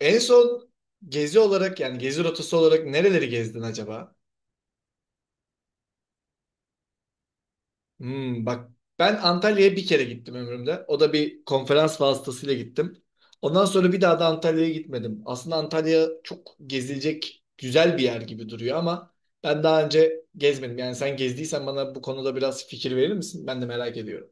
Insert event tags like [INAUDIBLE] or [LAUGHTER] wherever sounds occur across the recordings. En son gezi olarak yani gezi rotası olarak nereleri gezdin acaba? Hmm, bak ben Antalya'ya bir kere gittim ömrümde. O da bir konferans vasıtasıyla gittim. Ondan sonra bir daha da Antalya'ya gitmedim. Aslında Antalya çok gezilecek güzel bir yer gibi duruyor ama ben daha önce gezmedim. Yani sen gezdiysen bana bu konuda biraz fikir verir misin? Ben de merak ediyorum.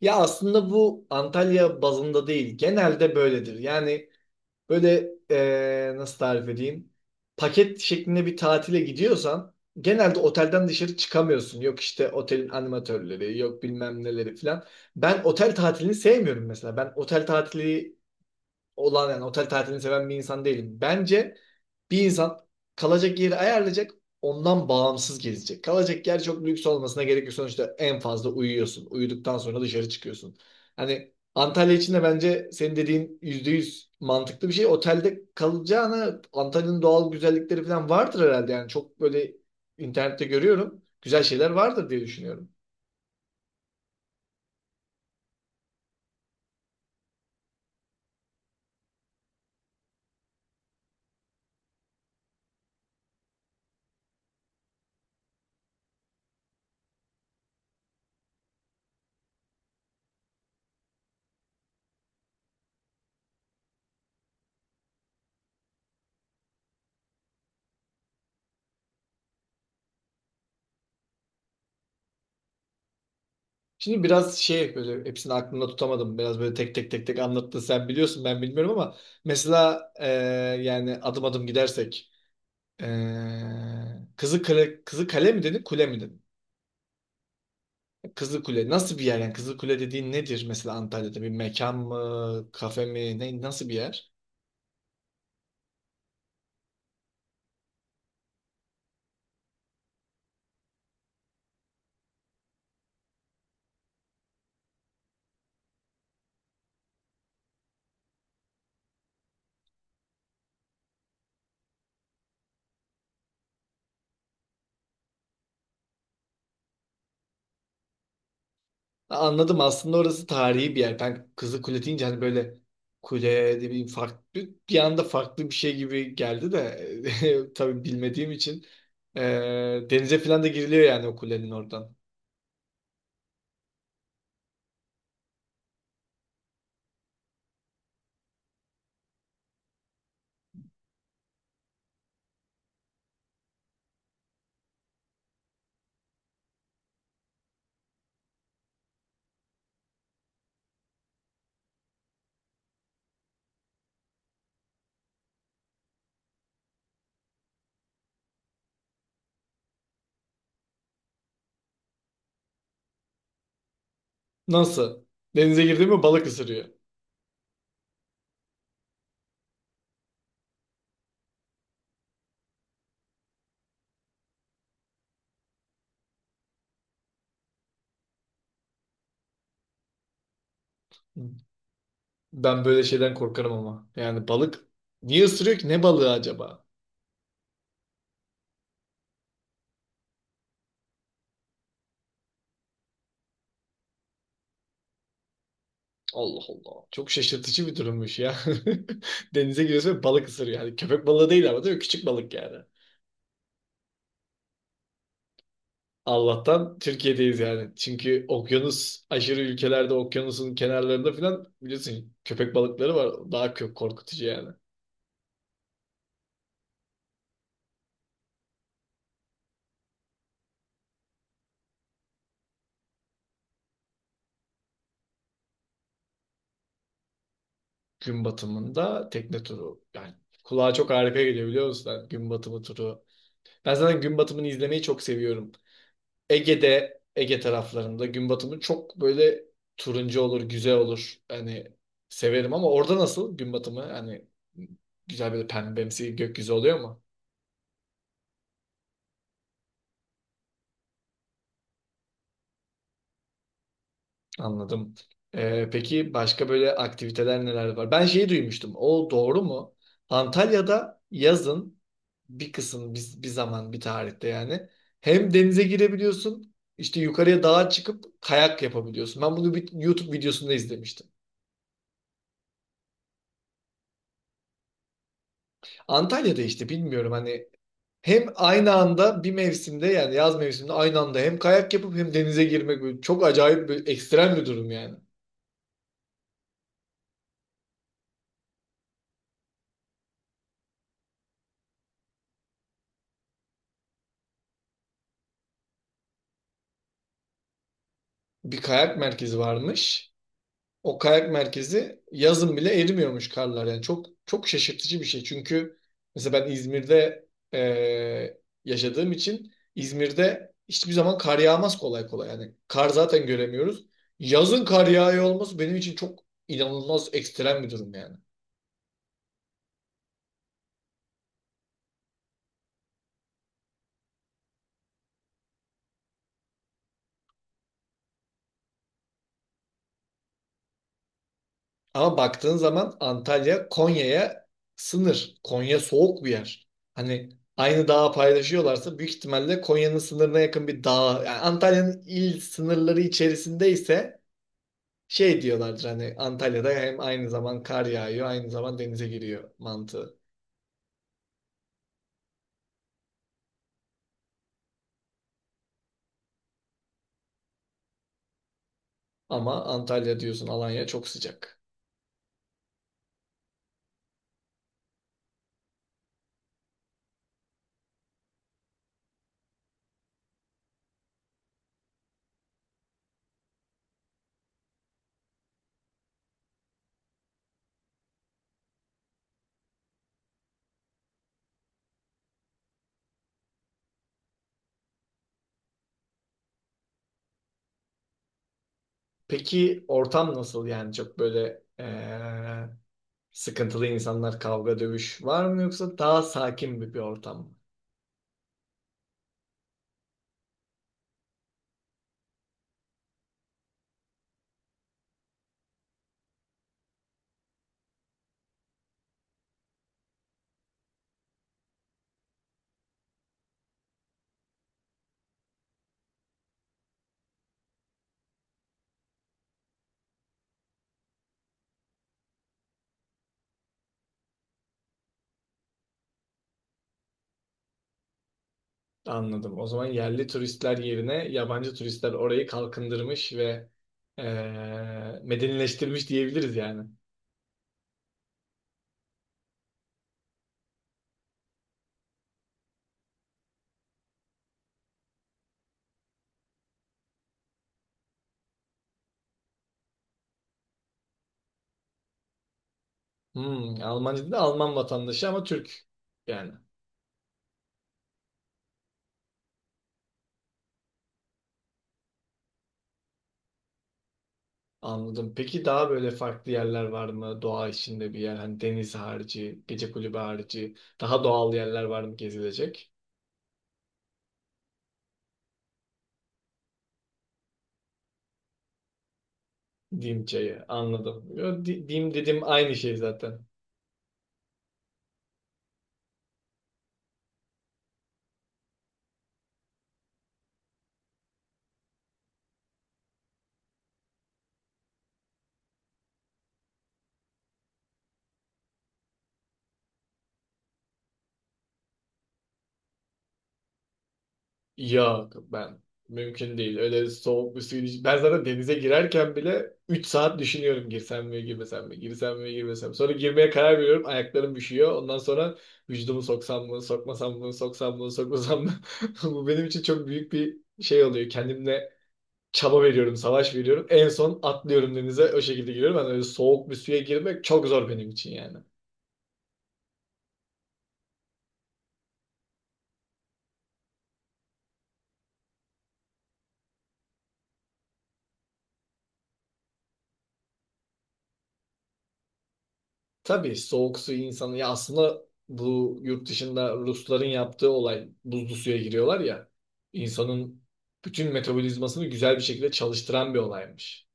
Ya aslında bu Antalya bazında değil. Genelde böyledir. Yani böyle nasıl tarif edeyim? Paket şeklinde bir tatile gidiyorsan genelde otelden dışarı çıkamıyorsun. Yok işte otelin animatörleri, yok bilmem neleri falan. Ben otel tatilini sevmiyorum mesela. Ben otel tatili olan yani otel tatilini seven bir insan değilim. Bence bir insan kalacak yeri ayarlayacak, ondan bağımsız gezecek. Kalacak yer çok lüks olmasına gerek yok. Sonuçta en fazla uyuyorsun. Uyuduktan sonra dışarı çıkıyorsun. Hani Antalya için de bence senin dediğin %100 mantıklı bir şey. Otelde kalacağına Antalya'nın doğal güzellikleri falan vardır herhalde. Yani çok böyle internette görüyorum. Güzel şeyler vardır diye düşünüyorum. Şimdi biraz şey böyle hepsini aklımda tutamadım. Biraz böyle tek tek tek tek anlattın. Sen biliyorsun ben bilmiyorum ama mesela, yani adım adım gidersek, e, Kızı Kale, Kızı Kale mi dedin, kule mi dedin? Kızı Kule nasıl bir yer, yani Kızı Kule dediğin nedir mesela, Antalya'da bir mekan mı, kafe mi, ne, nasıl bir yer? Anladım, aslında orası tarihi bir yer. Ben Kızılkule deyince hani böyle kule de bir farklı, bir anda farklı bir şey gibi geldi de [LAUGHS] tabii bilmediğim için. Ee, Denize falan da giriliyor yani, o kulenin oradan. Nasıl? Denize girdi mi balık ısırıyor. Ben böyle şeyden korkarım ama. Yani balık niye ısırıyor ki? Ne balığı acaba? Allah Allah. Çok şaşırtıcı bir durummuş ya. [LAUGHS] Denize giriyorsun ve balık ısırıyor. Yani köpek balığı değil ama, değil mi? Küçük balık yani. Allah'tan Türkiye'deyiz yani. Çünkü okyanus aşırı ülkelerde okyanusun kenarlarında falan biliyorsun köpek balıkları var. Daha çok korkutucu yani. Gün batımında tekne turu. Yani kulağa çok harika geliyor biliyor musun? Yani gün batımı turu. Ben zaten gün batımını izlemeyi çok seviyorum. Ege'de, Ege taraflarında gün batımı çok böyle turuncu olur, güzel olur. Hani severim ama orada nasıl gün batımı? Hani güzel böyle pembemsi gökyüzü oluyor mu? Anladım. Peki başka böyle aktiviteler neler var? Ben şeyi duymuştum. O doğru mu? Antalya'da yazın bir kısım, bir zaman, bir tarihte yani hem denize girebiliyorsun, işte yukarıya dağa çıkıp kayak yapabiliyorsun. Ben bunu bir YouTube videosunda izlemiştim. Antalya'da işte bilmiyorum hani hem aynı anda bir mevsimde, yani yaz mevsiminde aynı anda hem kayak yapıp hem denize girmek, böyle çok acayip bir ekstrem bir durum yani. Bir kayak merkezi varmış. O kayak merkezi yazın bile erimiyormuş karlar. Yani çok çok şaşırtıcı bir şey. Çünkü mesela ben İzmir'de yaşadığım için İzmir'de hiçbir zaman kar yağmaz kolay kolay. Yani kar zaten göremiyoruz. Yazın kar yağıyor olması benim için çok inanılmaz, ekstrem bir durum yani. Ama baktığın zaman Antalya Konya'ya sınır. Konya soğuk bir yer. Hani aynı dağı paylaşıyorlarsa büyük ihtimalle Konya'nın sınırına yakın bir dağ. Yani Antalya'nın il sınırları içerisindeyse şey diyorlardır hani, Antalya'da hem aynı zaman kar yağıyor, aynı zaman denize giriyor mantığı. Ama Antalya diyorsun, Alanya çok sıcak. Peki ortam nasıl, yani çok böyle sıkıntılı insanlar, kavga dövüş var mı, yoksa daha sakin bir ortam mı? Anladım. O zaman yerli turistler yerine yabancı turistler orayı kalkındırmış ve medenileştirmiş diyebiliriz yani. Hmm, Almancı da Alman vatandaşı ama Türk yani. Anladım. Peki daha böyle farklı yerler var mı? Doğa içinde bir yer, hani deniz harici, gece kulübü harici, daha doğal yerler var mı gezilecek? Dim çayı, anladım. Yo, Dim dedim, aynı şey zaten. Yok ben mümkün değil. Öyle soğuk bir suyun iç- Ben zaten denize girerken bile 3 saat düşünüyorum, girsem mi girmesem mi, girsem mi girmesem mi? Sonra girmeye karar veriyorum, ayaklarım üşüyor. Ondan sonra vücudumu soksam mı sokmasam mı, soksam mı sokmasam mı. [LAUGHS] Bu benim için çok büyük bir şey oluyor. Kendimle çaba veriyorum, savaş veriyorum. En son atlıyorum denize, o şekilde giriyorum. Ben öyle soğuk bir suya girmek çok zor benim için yani. Tabii soğuk suyu insanı, ya aslında bu yurt dışında Rusların yaptığı olay, buzlu suya giriyorlar ya, insanın bütün metabolizmasını güzel bir şekilde çalıştıran bir olaymış.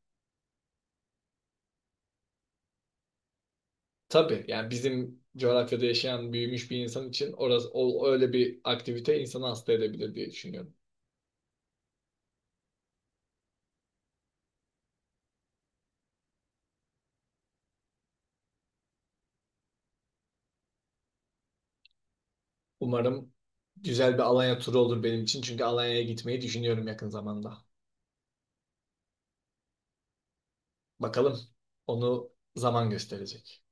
Tabii yani bizim coğrafyada yaşayan, büyümüş bir insan için orası, öyle bir aktivite insanı hasta edebilir diye düşünüyorum. Umarım güzel bir Alanya turu olur benim için, çünkü Alanya'ya gitmeyi düşünüyorum yakın zamanda. Bakalım, onu zaman gösterecek.